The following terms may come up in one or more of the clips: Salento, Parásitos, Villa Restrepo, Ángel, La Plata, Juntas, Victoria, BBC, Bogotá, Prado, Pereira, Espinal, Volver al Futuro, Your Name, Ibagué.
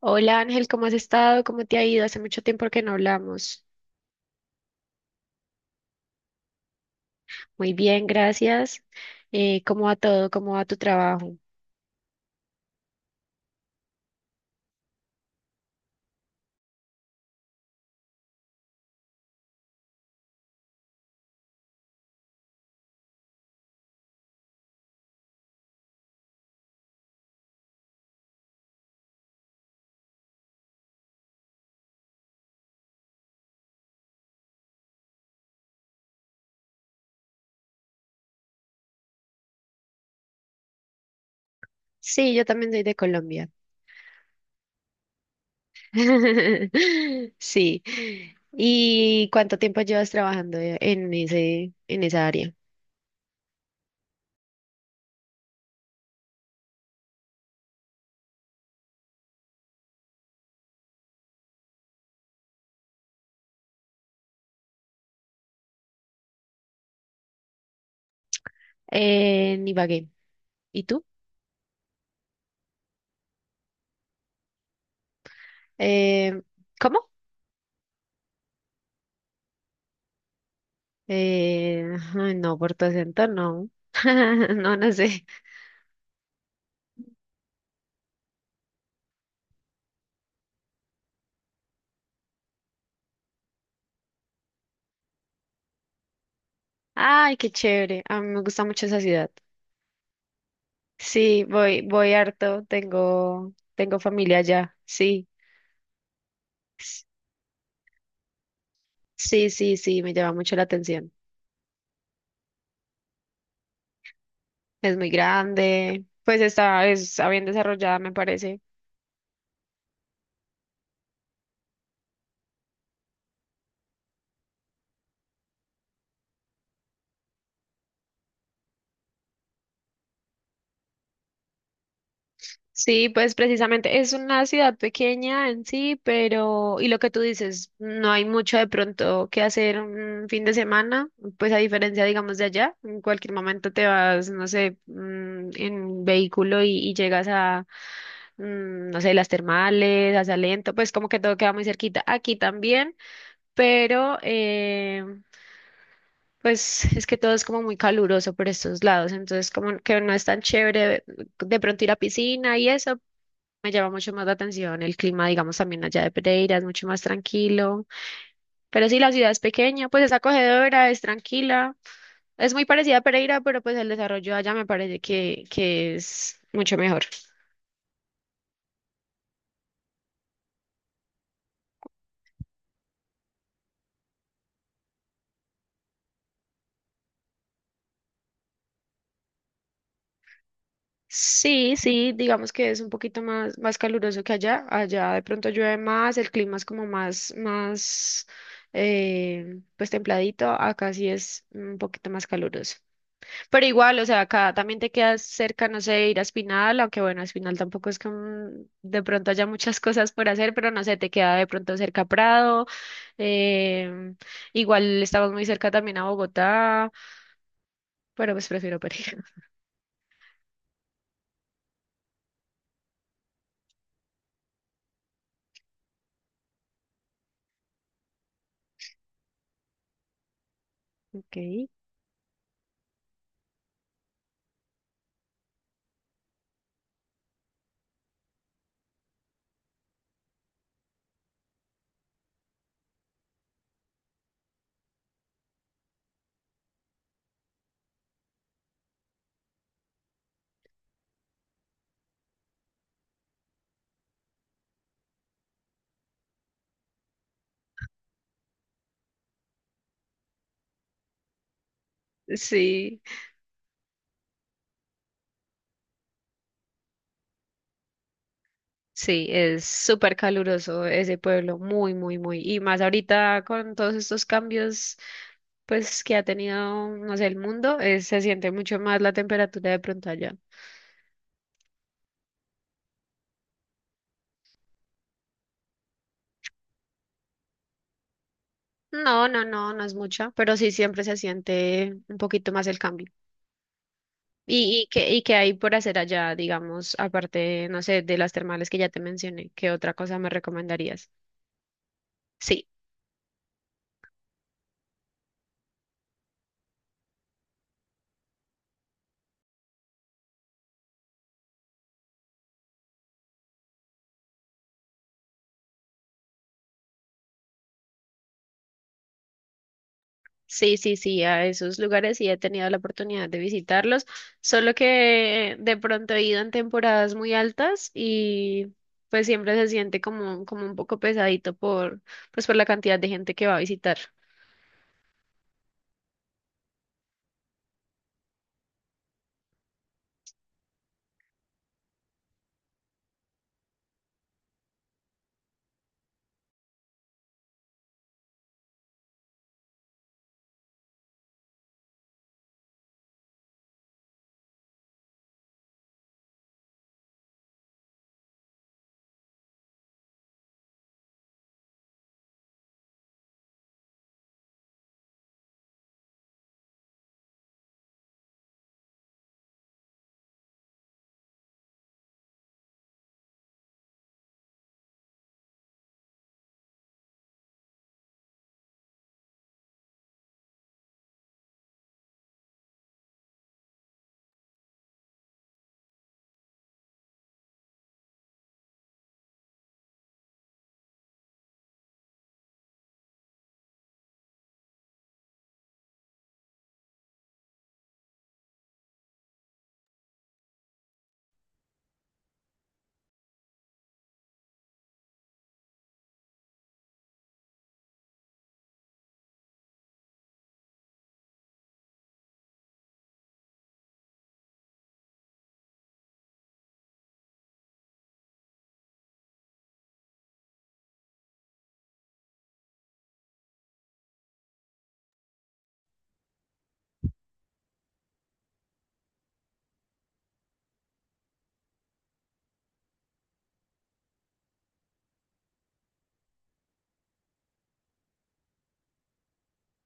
Hola Ángel, ¿cómo has estado? ¿Cómo te ha ido? Hace mucho tiempo que no hablamos. Muy bien, gracias. ¿Cómo va todo? ¿Cómo va tu trabajo? Sí, yo también soy de Colombia. Sí. ¿Y cuánto tiempo llevas trabajando en esa área? En Ibagué. ¿Y tú? Eh, ¿cómo? Eh, ay, no, por tu acento no. No, no sé. Ay, qué chévere. A mí me gusta mucho esa ciudad. Sí, voy harto, tengo familia allá, sí. S- Sí, sí, sí, me llama mucho la atención. Es muy grande, pues está bien desarrollada, me parece. Sí, pues precisamente es una ciudad pequeña en sí, pero, y lo que tú dices, no hay mucho de pronto que hacer un fin de semana, pues a diferencia, digamos, de allá, en cualquier momento te vas, no sé, en vehículo y llegas a no sé, las termales, hacia lento, pues como que todo queda muy cerquita. Aquí también, pero pues es que todo es como muy caluroso por estos lados, entonces como que no es tan chévere de pronto ir a piscina y eso. Me llama mucho más la atención el clima, digamos, también allá de Pereira, es mucho más tranquilo. Pero sí, la ciudad es pequeña, pues es acogedora, es tranquila. Es muy parecida a Pereira, pero pues el desarrollo allá me parece que es mucho mejor. Sí, sí, digamos que es un poquito más caluroso que allá. Allá de pronto llueve más, el clima es como más, pues templadito. Acá sí es un poquito más caluroso. Pero igual, o sea, acá también te quedas cerca, no sé, ir a Espinal, aunque bueno, Espinal tampoco es que de pronto haya muchas cosas por hacer, pero no sé, te queda de pronto cerca Prado. em, Igual estamos muy cerca también a Bogotá, pero pues prefiero Pereira. Ok. Sí. Sí, es súper caluroso ese pueblo, muy, muy, muy. Y más ahorita con todos estos cambios, pues que ha tenido, no sé, el mundo, se siente mucho más la temperatura de pronto allá. No, no, no, no es mucha, pero sí siempre se siente un poquito más el cambio. ¿Y qué hay por hacer allá, digamos, aparte, no sé, de las termales que ya te mencioné? ¿Qué otra cosa me recomendarías? Sí. Sí, sí, sí, a esos lugares sí he tenido la oportunidad de visitarlos, solo que de pronto he ido en temporadas muy altas y pues siempre se siente como un poco pesadito por, pues por la cantidad de gente que va a visitar.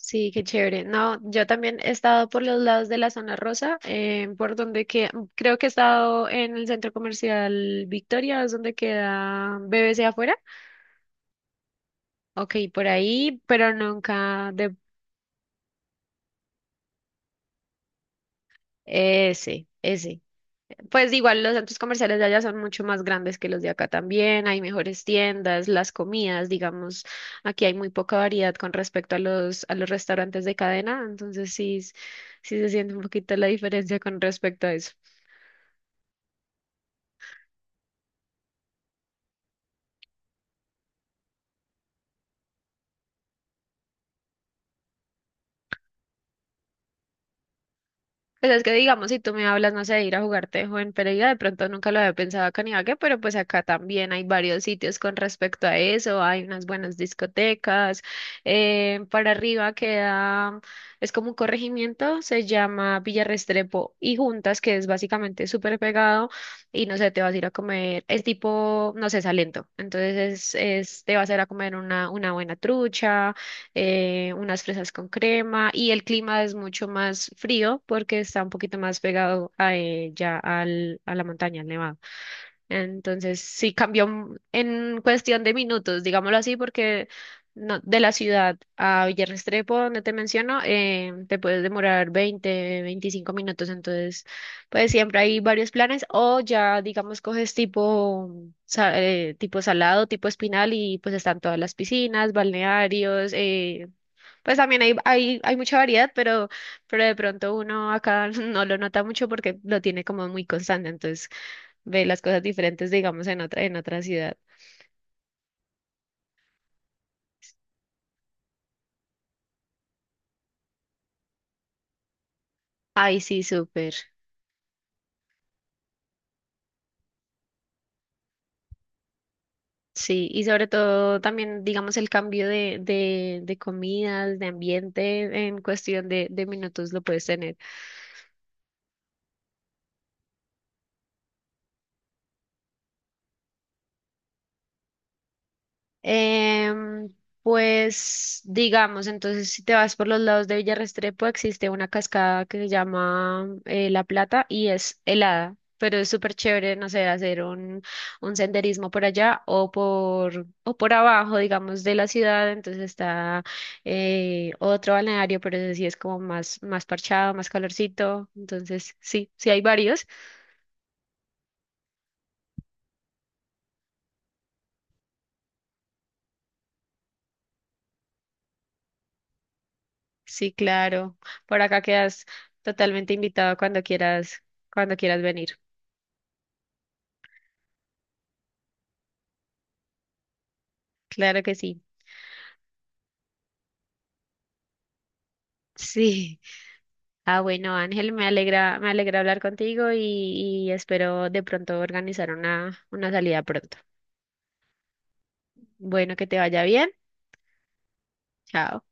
Sí, qué chévere. No, yo también he estado por los lados de la zona rosa, por donde que creo que he estado en el centro comercial Victoria, es donde queda BBC afuera. Ok, por ahí, pero nunca de ese, ese. Pues igual los centros comerciales de allá son mucho más grandes que los de acá también, hay mejores tiendas, las comidas, digamos, aquí hay muy poca variedad con respecto a a los restaurantes de cadena, entonces sí, sí se siente un poquito la diferencia con respecto a eso. Pues es que digamos, si tú me hablas, no sé, de ir a jugar tejo en Pereira, de pronto nunca lo había pensado acá en Ibagué, pero pues acá también hay varios sitios con respecto a eso, hay unas buenas discotecas, para arriba queda, es como un corregimiento, se llama Villa Restrepo y Juntas, que es básicamente súper pegado, y no sé, te vas a ir a comer, es tipo, no sé, Salento, entonces te vas a ir a comer una buena trucha, unas fresas con crema y el clima es mucho más frío porque está un poquito más pegado a, ya al, a la montaña, al nevado. Entonces sí en cuestión de minutos, digámoslo así, porque de la ciudad a Villarrestrepo, donde te menciono, te puedes demorar 20-25 minutos, entonces pues siempre hay varios planes o ya digamos coges tipo tipo salado, tipo espinal y pues están todas las piscinas, balnearios, pues también hay mucha variedad, pero de pronto uno acá no lo nota mucho porque lo tiene como muy constante, entonces ve las cosas diferentes, digamos, en otra ciudad. Ay, sí, súper. Sí, y sobre todo también, digamos, el cambio de comidas, de ambiente, en cuestión de minutos lo puedes tener. Em, pues digamos, entonces si te vas por los lados de Villarrestrepo existe una cascada que se llama La Plata y es helada, pero es súper chévere, no sé, hacer un senderismo por allá o por abajo, digamos, de la ciudad, entonces está otro balneario, pero ese sí es como más, parchado, más calorcito, entonces sí, sí hay varios, sí, claro, por acá quedas totalmente invitado cuando quieras venir. Claro que sí. Sí. Ah, bueno, Ángel, me alegra hablar contigo y espero de pronto organizar una salida pronto. Bueno, que te vaya bien. Chao.